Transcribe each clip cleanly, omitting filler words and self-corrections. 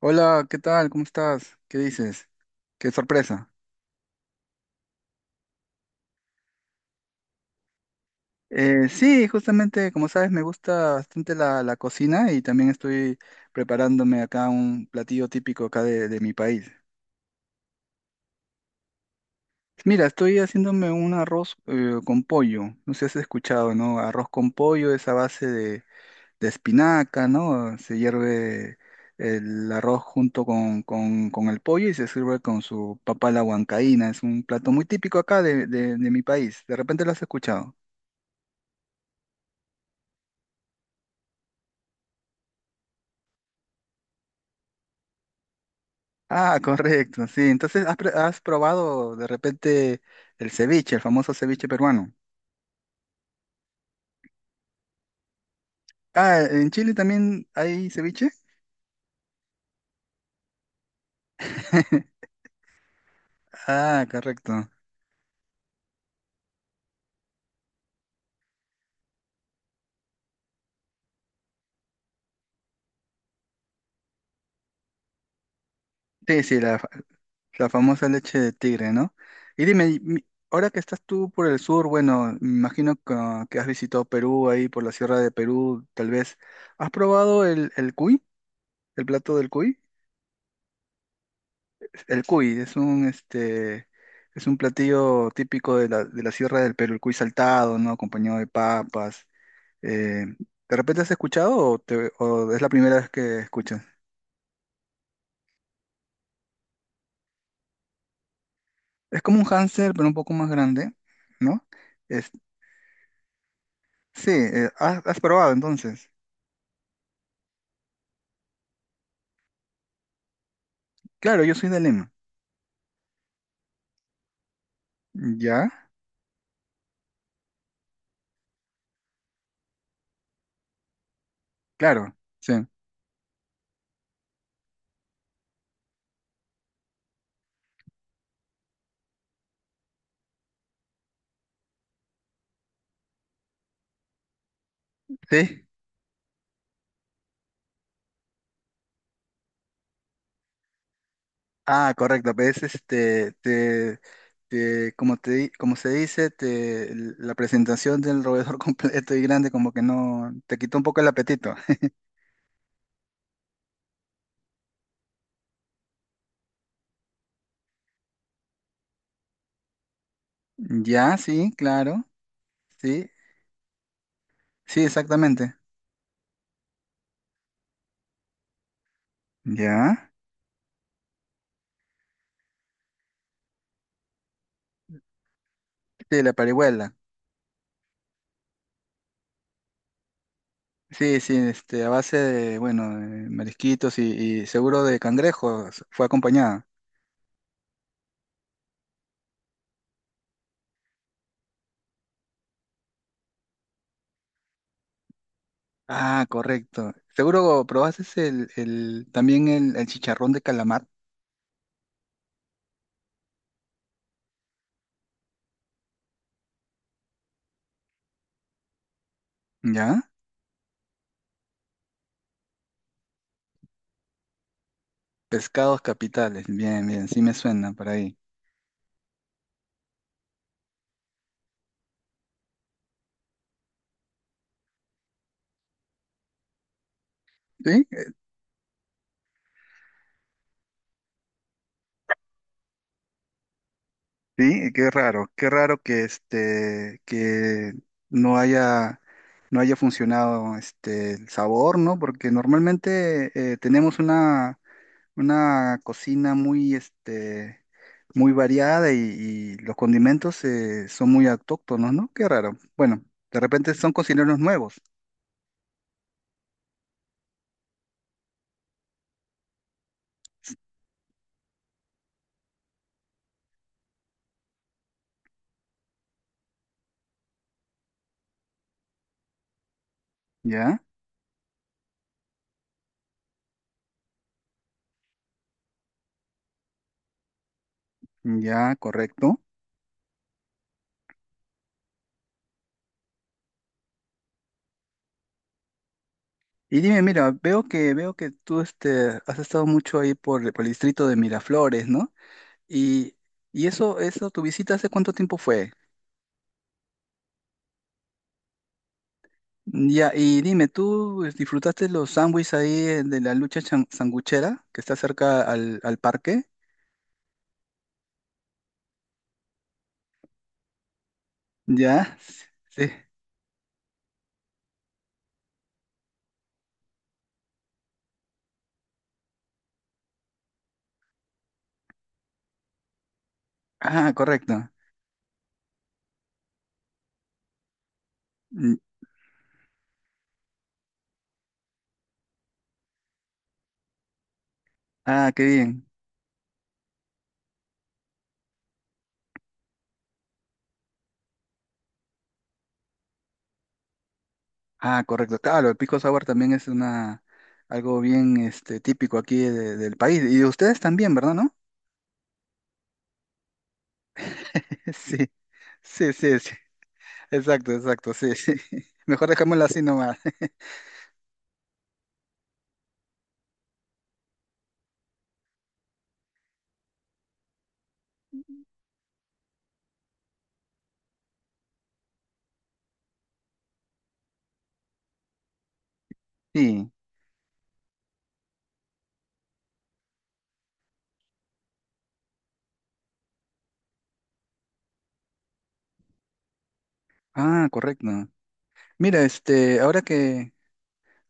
Hola, ¿qué tal? ¿Cómo estás? ¿Qué dices? Qué sorpresa. Sí, justamente, como sabes, me gusta bastante la cocina y también estoy preparándome acá un platillo típico acá de mi país. Mira, estoy haciéndome un arroz con pollo. No sé si has escuchado, ¿no? Arroz con pollo es a base de espinaca, ¿no? Se hierve el arroz junto con el pollo y se sirve con su papa a la huancaína. Es un plato muy típico acá de, de mi país. ¿De repente lo has escuchado? Ah, correcto, sí. Entonces, ¿ has probado de repente el ceviche, el famoso ceviche peruano? Ah, ¿en Chile también hay ceviche? Ah, correcto. Sí, sí, la famosa leche de tigre, ¿no? Y dime, ahora que estás tú por el sur, bueno, me imagino que has visitado Perú, ahí por la Sierra de Perú, tal vez. ¿Has probado el cuy, el plato del cuy? El cuy es un es un platillo típico de la Sierra del Perú, el cuy saltado, ¿no? Acompañado de papas. eh, de repente has escuchado o, o es la primera vez que escuchas? Es como un hámster, pero un poco más grande, ¿no? Es, sí, has, has probado entonces. Claro, yo soy de Lima. ¿Ya? Claro, sí. Sí. Ah, correcto, pues como se dice, te, la presentación del roedor completo y grande como que no, te quitó un poco el apetito. Ya, sí, claro, sí, sí, exactamente. Ya, sí, la parihuela. Sí, sí, a base de, bueno, de marisquitos y seguro de cangrejos fue acompañada. Ah, correcto. Seguro probaste también el chicharrón de calamar, ¿ya? Pescados capitales, bien, bien, sí me suena por ahí. Sí, sí, qué raro que no haya, no haya funcionado el sabor, ¿no? Porque normalmente tenemos una cocina muy, muy variada y los condimentos son muy autóctonos, ¿no? Qué raro. Bueno, de repente son cocineros nuevos. ¿Ya? Ya, correcto. Y dime, mira, veo que tú has estado mucho ahí por el distrito de Miraflores, ¿no? Y, eso, ¿tu visita hace cuánto tiempo fue? Ya, y dime, ¿tú disfrutaste los sándwiches ahí de la lucha sanguchera que está cerca al parque? ¿Ya? Sí. Ah, correcto. Mm, Ah, qué bien. Ah, correcto. Claro, el pico sour también es una algo bien típico aquí del país. Y de ustedes también, ¿verdad, no? Sí. Sí, sí, sí. Exacto, exacto, sí, sí. Mejor dejémoslo así nomás. Sí. Ah, correcto. Mira,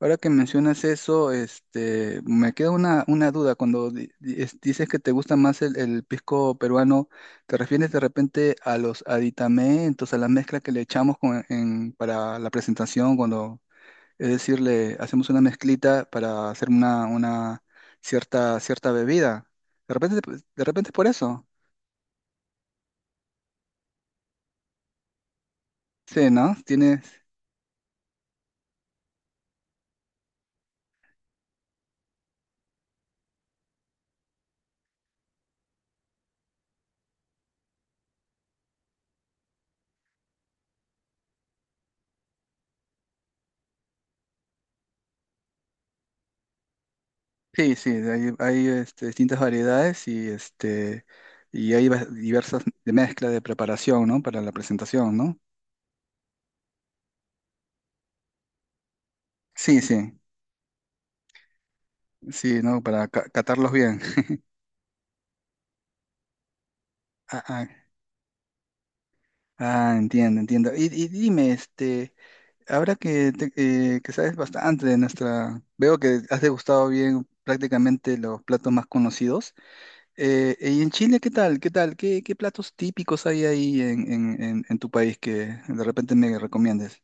ahora que mencionas eso, me queda una duda. Cuando dices que te gusta más el pisco peruano, ¿te refieres de repente a los aditamentos, a la mezcla que le echamos para la presentación, cuando, es decir, le hacemos una mezclita para hacer una cierta, cierta bebida? De repente, de repente es por eso. Sí, ¿no? Tienes. Sí, sí, distintas variedades y, diversas de mezcla de preparación, ¿no? Para la presentación, ¿no? Sí, sí, sí, ¿no? Para catarlos bien. Ah, ah, ah, entiendo, entiendo. Y dime, ahora que, te- que sabes bastante de nuestra, veo que has degustado bien prácticamente los platos más conocidos. ¿Y en Chile qué tal? ¿Qué tal? ¿Qué, qué platos típicos hay ahí en tu país que de repente me recomiendes?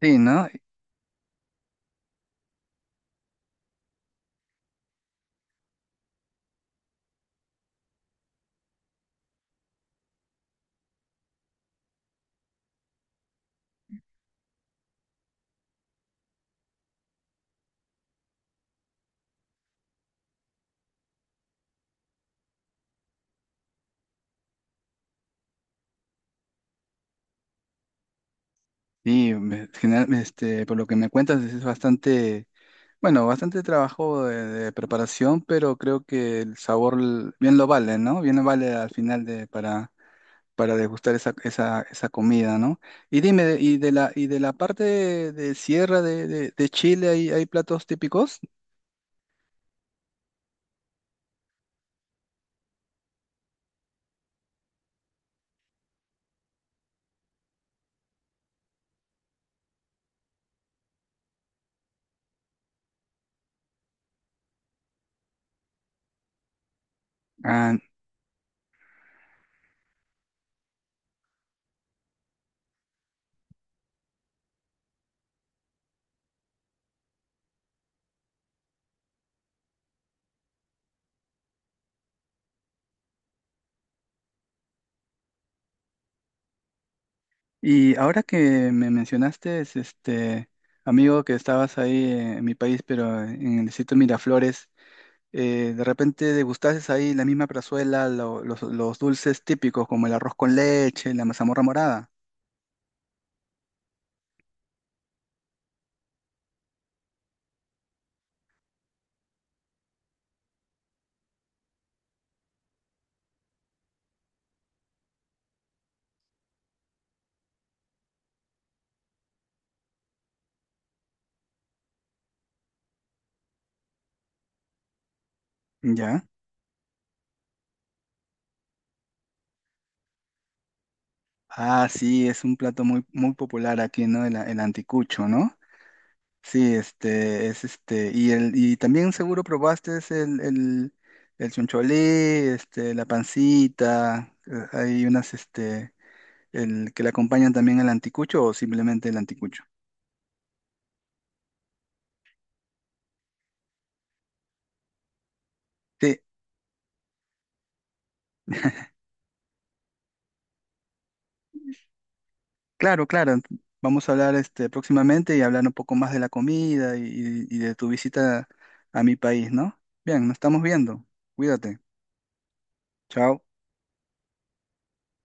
Sí, ¿no? Sí, por lo que me cuentas es bastante, bueno, bastante trabajo de preparación, pero creo que el sabor bien lo vale, ¿no? Bien lo vale al final de, para degustar esa, esa, esa comida, ¿no? Y dime, y de la parte de sierra de Chile, ¿hay, hay platos típicos? Ah, y ahora que me mencionaste, amigo, que estabas ahí en mi país, pero en el distrito Miraflores. De repente degustases ahí la misma plazuela, los dulces típicos como el arroz con leche, la mazamorra morada. ¿Ya? Ah, sí, es un plato muy, muy popular aquí, ¿no? El anticucho, ¿no? Sí, y el, y también seguro probaste el choncholí, la pancita, hay unas, el que le acompañan también al anticucho o simplemente el anticucho. Sí. Claro, claro. Vamos a hablar próximamente y hablar un poco más de la comida y, de tu visita a mi país, ¿no? Bien, nos estamos viendo. Cuídate. Chao.